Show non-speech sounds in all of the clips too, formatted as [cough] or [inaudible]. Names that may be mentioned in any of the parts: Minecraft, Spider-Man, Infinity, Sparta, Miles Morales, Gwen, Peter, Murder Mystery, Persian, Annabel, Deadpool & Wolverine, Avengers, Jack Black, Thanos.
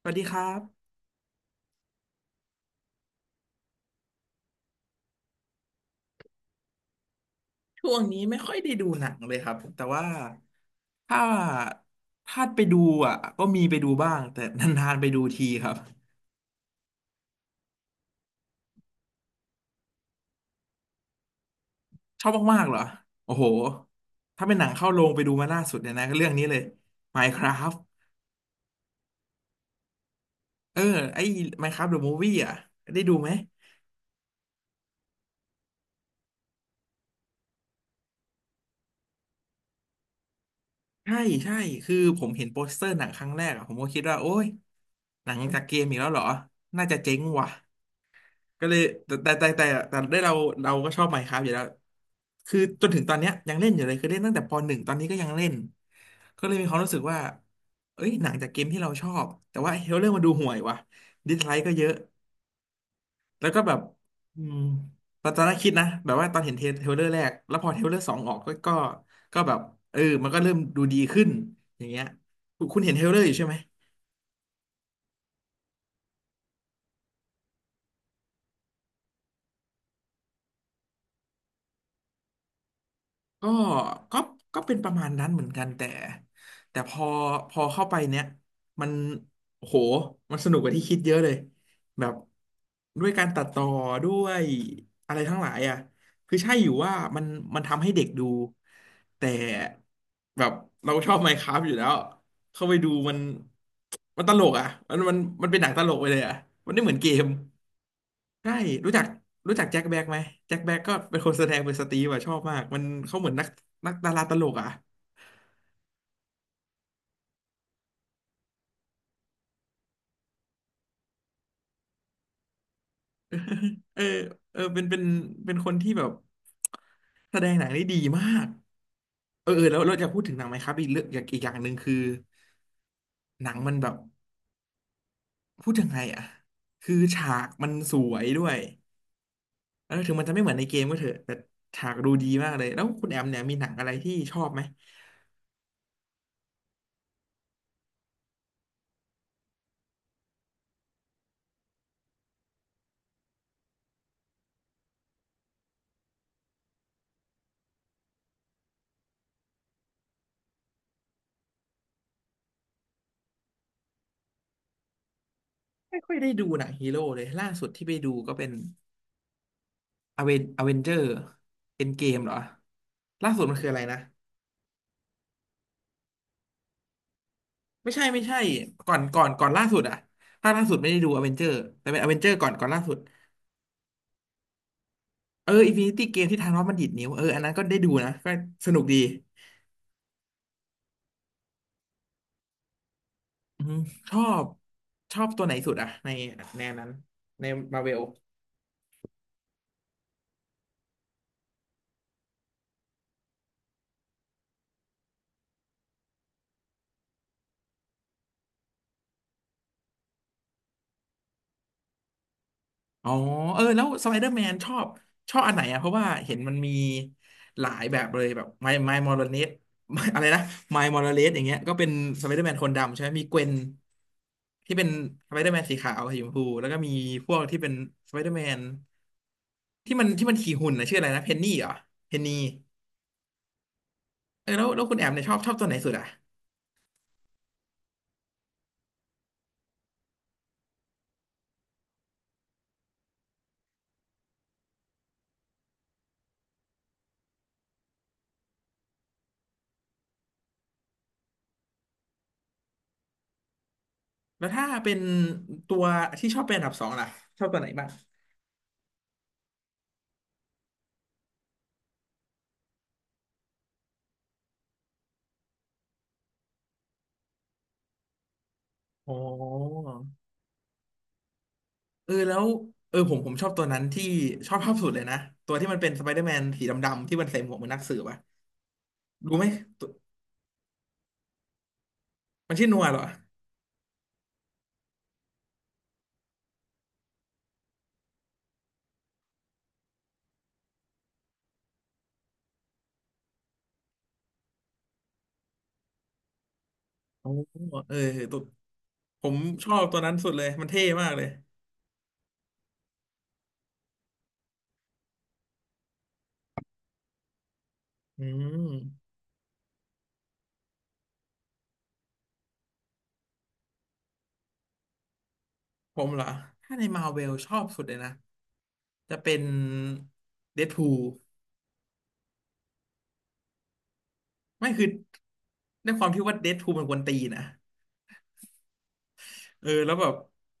สวัสดีครับช่วงนี้ไม่ค่อยได้ดูหนังเลยครับแต่ว่าถ้าถ้าไปดูอ่ะก็มีไปดูบ้างแต่นานๆไปดูทีครับชอบมากๆเหรอโอ้โหถ้าเป็นหนังเข้าโรงไปดูมาล่าสุดเนี่ยนะก็เรื่องนี้เลย Minecraft เออไอ้ Minecraft the Movie อ่ะได้ดูไหมใช่ใช่คือผมเห็นโปสเตอร์หนังครั้งแรกอะผมก็คิดว่าโอ้ยหนังจากเกมอีกแล้วเหรอน่าจะเจ๊งว่ะ ก็เลยแต่ได้เราก็ชอบ Minecraft อยู่แล้วคือจนถึงตอนเนี้ยยังเล่นอยู่เลยคือเล่นตั้งแต่ปหนึ่งตอนนี้ก็ยังเล่นก็เลยมีความรู้สึกว่าเอ้ยหนังจากเกมที่เราชอบแต่ว่าเฮลเลอร์มาดูห่วยว่ะดิสไลค์ก็เยอะแล้วก็แบบอืมตอนแรกคิดนะแบบว่าตอนเห็นเทรลเลอร์แรกแล้วพอเทรลเลอร์สองออกก็แบบเออมันก็เริ่มดูดีขึ้นอย่างเงี้ยคุณเห็นเทรลเลอร์อยู่ใช่ไหม ก็ก็ก็เป็นประมาณนั้นเหมือนกันแต่พอเข้าไปเนี้ยมันโอ้โหมันสนุกกว่าที่คิดเยอะเลยแบบด้วยการตัดต่อด้วยอะไรทั้งหลายอ่ะคือใช่อยู่ว่ามันทำให้เด็กดูแต่แบบเราชอบ Minecraft อยู่แล้ว เข้าไปดูมันมันตลกอ่ะมันเป็นหนังตลกไปเลยอ่ะมันไม่เหมือนเกม ใช่รู้จักรู้จักแจ็คแบ็กไหมแจ็คแบ็กก็เป็นคนแสดงเป็นสตีฟอะชอบมากมันเขาเหมือนนักดาราตลกอ่ะเออเออเป็นเป็นคนที่แบบแสดงหนังได้ดีมากเออเออแล้วเราจะพูดถึงหนังไหมครับอีกเรื่องอย่างอีกอย่างหนึ่งคือหนังมันแบบพูดยังไงอ่ะคือฉากมันสวยด้วยแล้วถึงมันจะไม่เหมือนในเกมก็เถอะแต่ฉากดูดีมากเลยแล้วคุณแอมเนี่ยมีหนังอะไรที่ชอบไหม ไม่ค่อยได้ดูหนังฮีโร่เลยล่าสุดที่ไปดูก็เป็นอเวนเจอร์เป็นเกมเหรอล่าสุดมันคืออะไรนะไม่ใช่ไม่ใช่ก่อนล่าสุดอะภาคล่าสุดไม่ได้ดูอเวนเจอร์แต่เป็นอเวนเจอร์ก่อนล่าสุดเอออินฟินิตี้เกมที่ธานอสมันดีดนิ้วเอออันนั้นก็ได้ดูนะก็สนุกดีอืมชอบชอบตัวไหนสุดอะในแนวนั้นในมาเวล อ๋อเออแล้วสไปเดอร์แมนชอบอันไหนอ่ะเพราะว่าเห็นมันมีหลายแบบเลยแบบไมลมอร์ [laughs] เลสอะไรนะไมมอร์เลสอย่างเงี้ยก็เป็นสไปเดอร์แมนคนดำใช่ไหมมีเกวนที่เป็นสไปเดอร์แมนสีขาวสีชมพูแล้วก็มีพวกที่เป็นสไปเดอร์แมนที่มันขี่หุ่นนะชื่ออะไรนะเพนนี่เหรอเพนนีเออแล้วคุณแอมเนี่ยชอบตัวไหนสุดอ่ะแล้วถ้าเป็นตัวที่ชอบเป็นอันดับสองล่ะชอบตัวไหนบ้างอ๋อ เออแล้วเออผมชอบตัวนั้นที่ชอบภาพสุดเลยนะตัวที่มันเป็นสไปเดอร์แมนสีดำๆที่มันใส่หมวกเหมือนนักสืบอะรู้ไหมตัวมันชื่อนัวเหรอโอ้เออตัวผมชอบตัวนั้นสุดเลยมันเท่มากเลยอืมผมเหรอถ้าในมาเวลชอบสุดเลยนะจะเป็นเดดพูลไม่คือด้วยความที่ว่าเดดพูลมันกวนตีนนะ เออแล้วแบบ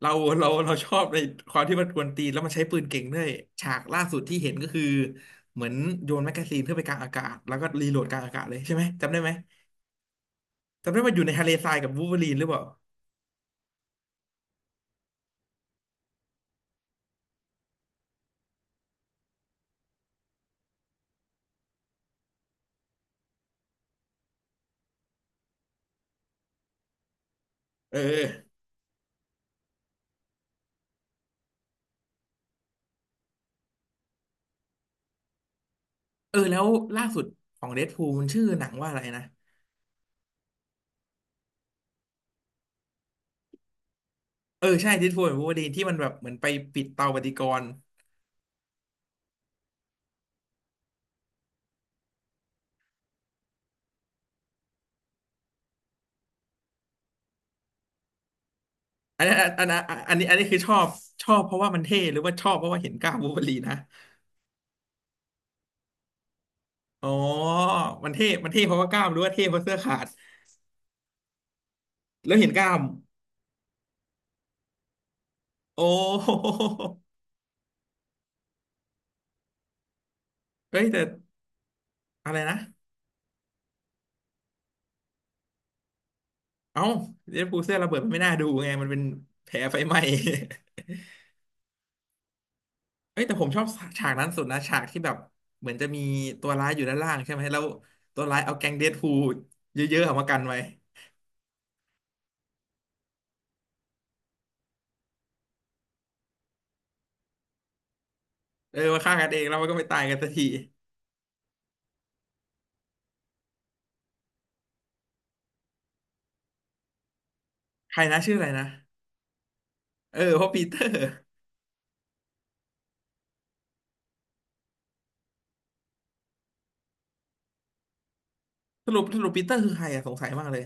เราเราชอบในความที่มันกวนตีนแล้วมันใช้ปืนเก่งด้วยฉากล่าสุดที่เห็นก็คือเหมือนโยนแมกกาซีนขึ้นไปกลางอากาศแล้วก็รีโหลดกลางอากาศเลยใช่ไหมจำได้ไหมจำได้ว่าอยู่ในทะเลทรายกับวูล์ฟเวอรีนหรือเปล่าเออเออแล้วล่าสุดของเดดพูลมันชื่อหนังว่าอะไรนะเออใช่เดดพูลกับวูล์ฟเวอรีนที่มันแบบเหมือนไปปิดเตาปฏิกรณ์อันนั้นอันนี้คือชอบชอบเพราะว่ามันเท่หรือว่าชอบเพราะว่าเห็นกล้ามวูล์ฟเวอรีนนะอ๋อมันเท่เพราะว่ากล้ามหรือว่าเท่เพราะเสื้อขาดแล้วเห็นกล้าม โอ้ [laughs] โหเฮ้ยแต่อะไรนะเอ้าเดดพูลเสื้อระเบิดมันไม่น่าดูไงมันเป็นแผลไฟไหม้ [laughs] เอ้ยแต่ผมชอบฉากนั้นสุดนะฉากที่แบบเหมือนจะมีตัวร้ายอยู่ด้านล่างใช่ไหมแล้วตัวร้ายเอาแก๊งเดดพูลเยอะๆออกมากันไว้ เออมาฆ่ากันเองแล้วมันก็ไม่ตายกันสักทีใครนะชื่ออะไรนะ เออเพราะปีเตอร์สรุปปีเตอร์คือใครอะสงสัยมากเลย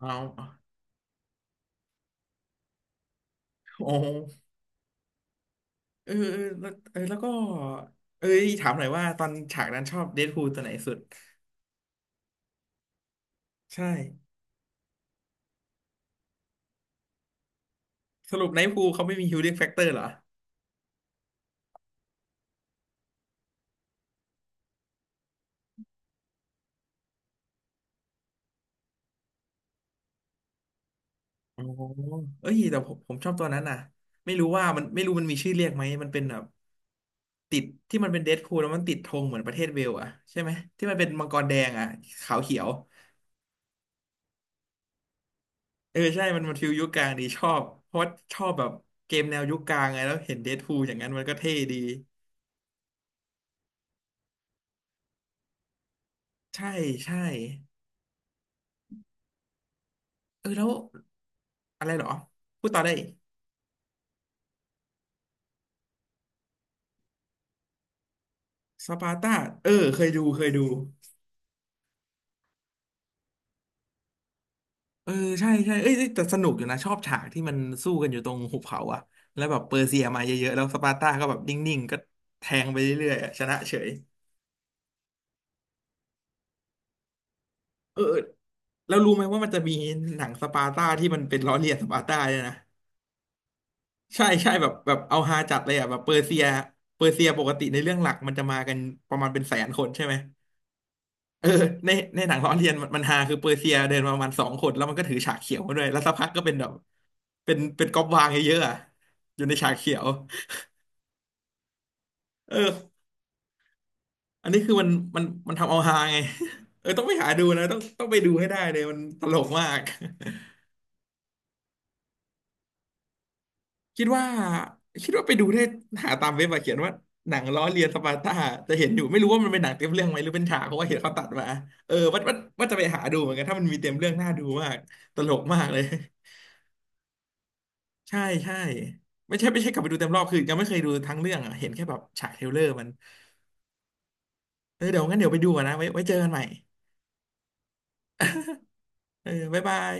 เอาโอ้เออเออแล้วเออแล้วก็ เอ้ยถามหน่อยว่าตอนฉากนั้นชอบเดดพูลตัวไหนสุดใช่ สรุปไนท์พูลเขาไม่มีฮิลลิ่งแฟกเตอร์เหรออ๋อเอ้ยแต่ผมชอบตัวนั้นน่ะไม่รู้ว่ามันไม่รู้มันมีชื่อเรียกไหมมันเป็นแบบติดที่มันเป็นเดดพูลแล้วมันติดธงเหมือนประเทศเวลส์อ่ะใช่ไหมที่มันเป็นมังกรแดงอ่ะขาวเขียวเออใช่มันฟิลยุคกลางดีชอบเพราะว่าชอบแบบเกมแนวยุคกลางไงแล้วเห็นเดดพูลอย่างนั้นมันก็เท่ดีใช่ใช่เออแล้วอะไรเหรอพูดต่อได้สปาร์ตาเออเคยดูเคยดู เออใช่ใช่เอ้ยเอ้ยแต่สนุกอยู่นะชอบฉากที่มันสู้กันอยู่ตรงหุบเขาอะแล้วแบบเปอร์เซียมาเยอะๆแล้วสปาร์ตาก็แบบนิ่งๆก็แทงไปเรื่อยๆอะชนะเฉยเออเออแล้วรู้ไหมว่ามันจะมีหนังสปาร์ตาที่มันเป็นล้อเลียนสปาร์ตาเนี่ยนะใช่ใช่แบบเอาฮาจัดเลยอะแบบเปอร์เซียเปอร์เซียปกติในเรื่องหลักมันจะมากันประมาณเป็นแสนคนใช่ไหมเออในในหนังล้อเลียนมันฮาคือเปอร์เซียเดินมาประมาณสองคนแล้วมันก็ถือฉากเขียวมาด้วยแล้วสักพักก็เป็นแบบเป็นก๊อบวางเยอะๆอะอยู่ในฉากเขียว เอออันนี้คือมันมันมันทำเอาฮาไง [laughs] เออต้องไปหาดูนะต้องไปดูให้ได้เลยมันตลกมาก [laughs] คิดว่าคิดว่าไปดูได้หาตามเว็บมาเขียนว่าหนังล้อเลียนสปาร์ตาจะเห็นอยู่ไม่รู้ว่ามันเป็นหนังเต็มเรื่องไหมหรือเป็นฉากเพราะว่าเห็นเขาตัดมาเออว่าว่าจะไปหาดูเหมือนกันถ้ามันมีเต็มเรื่องน่าดูมากตลกมากเลย [laughs] ใช่ใช่ไม่ใช่กลับไปดูเต็มรอบคือยังไม่เคยดูทั้งเรื่องอะเห็นแค่แบบฉากเทรลเลอร์มันเออเดี๋ยวงั้นเดี๋ยวไปดูก่อนนะไว้เจอกันใหม่เออบ๊ายบาย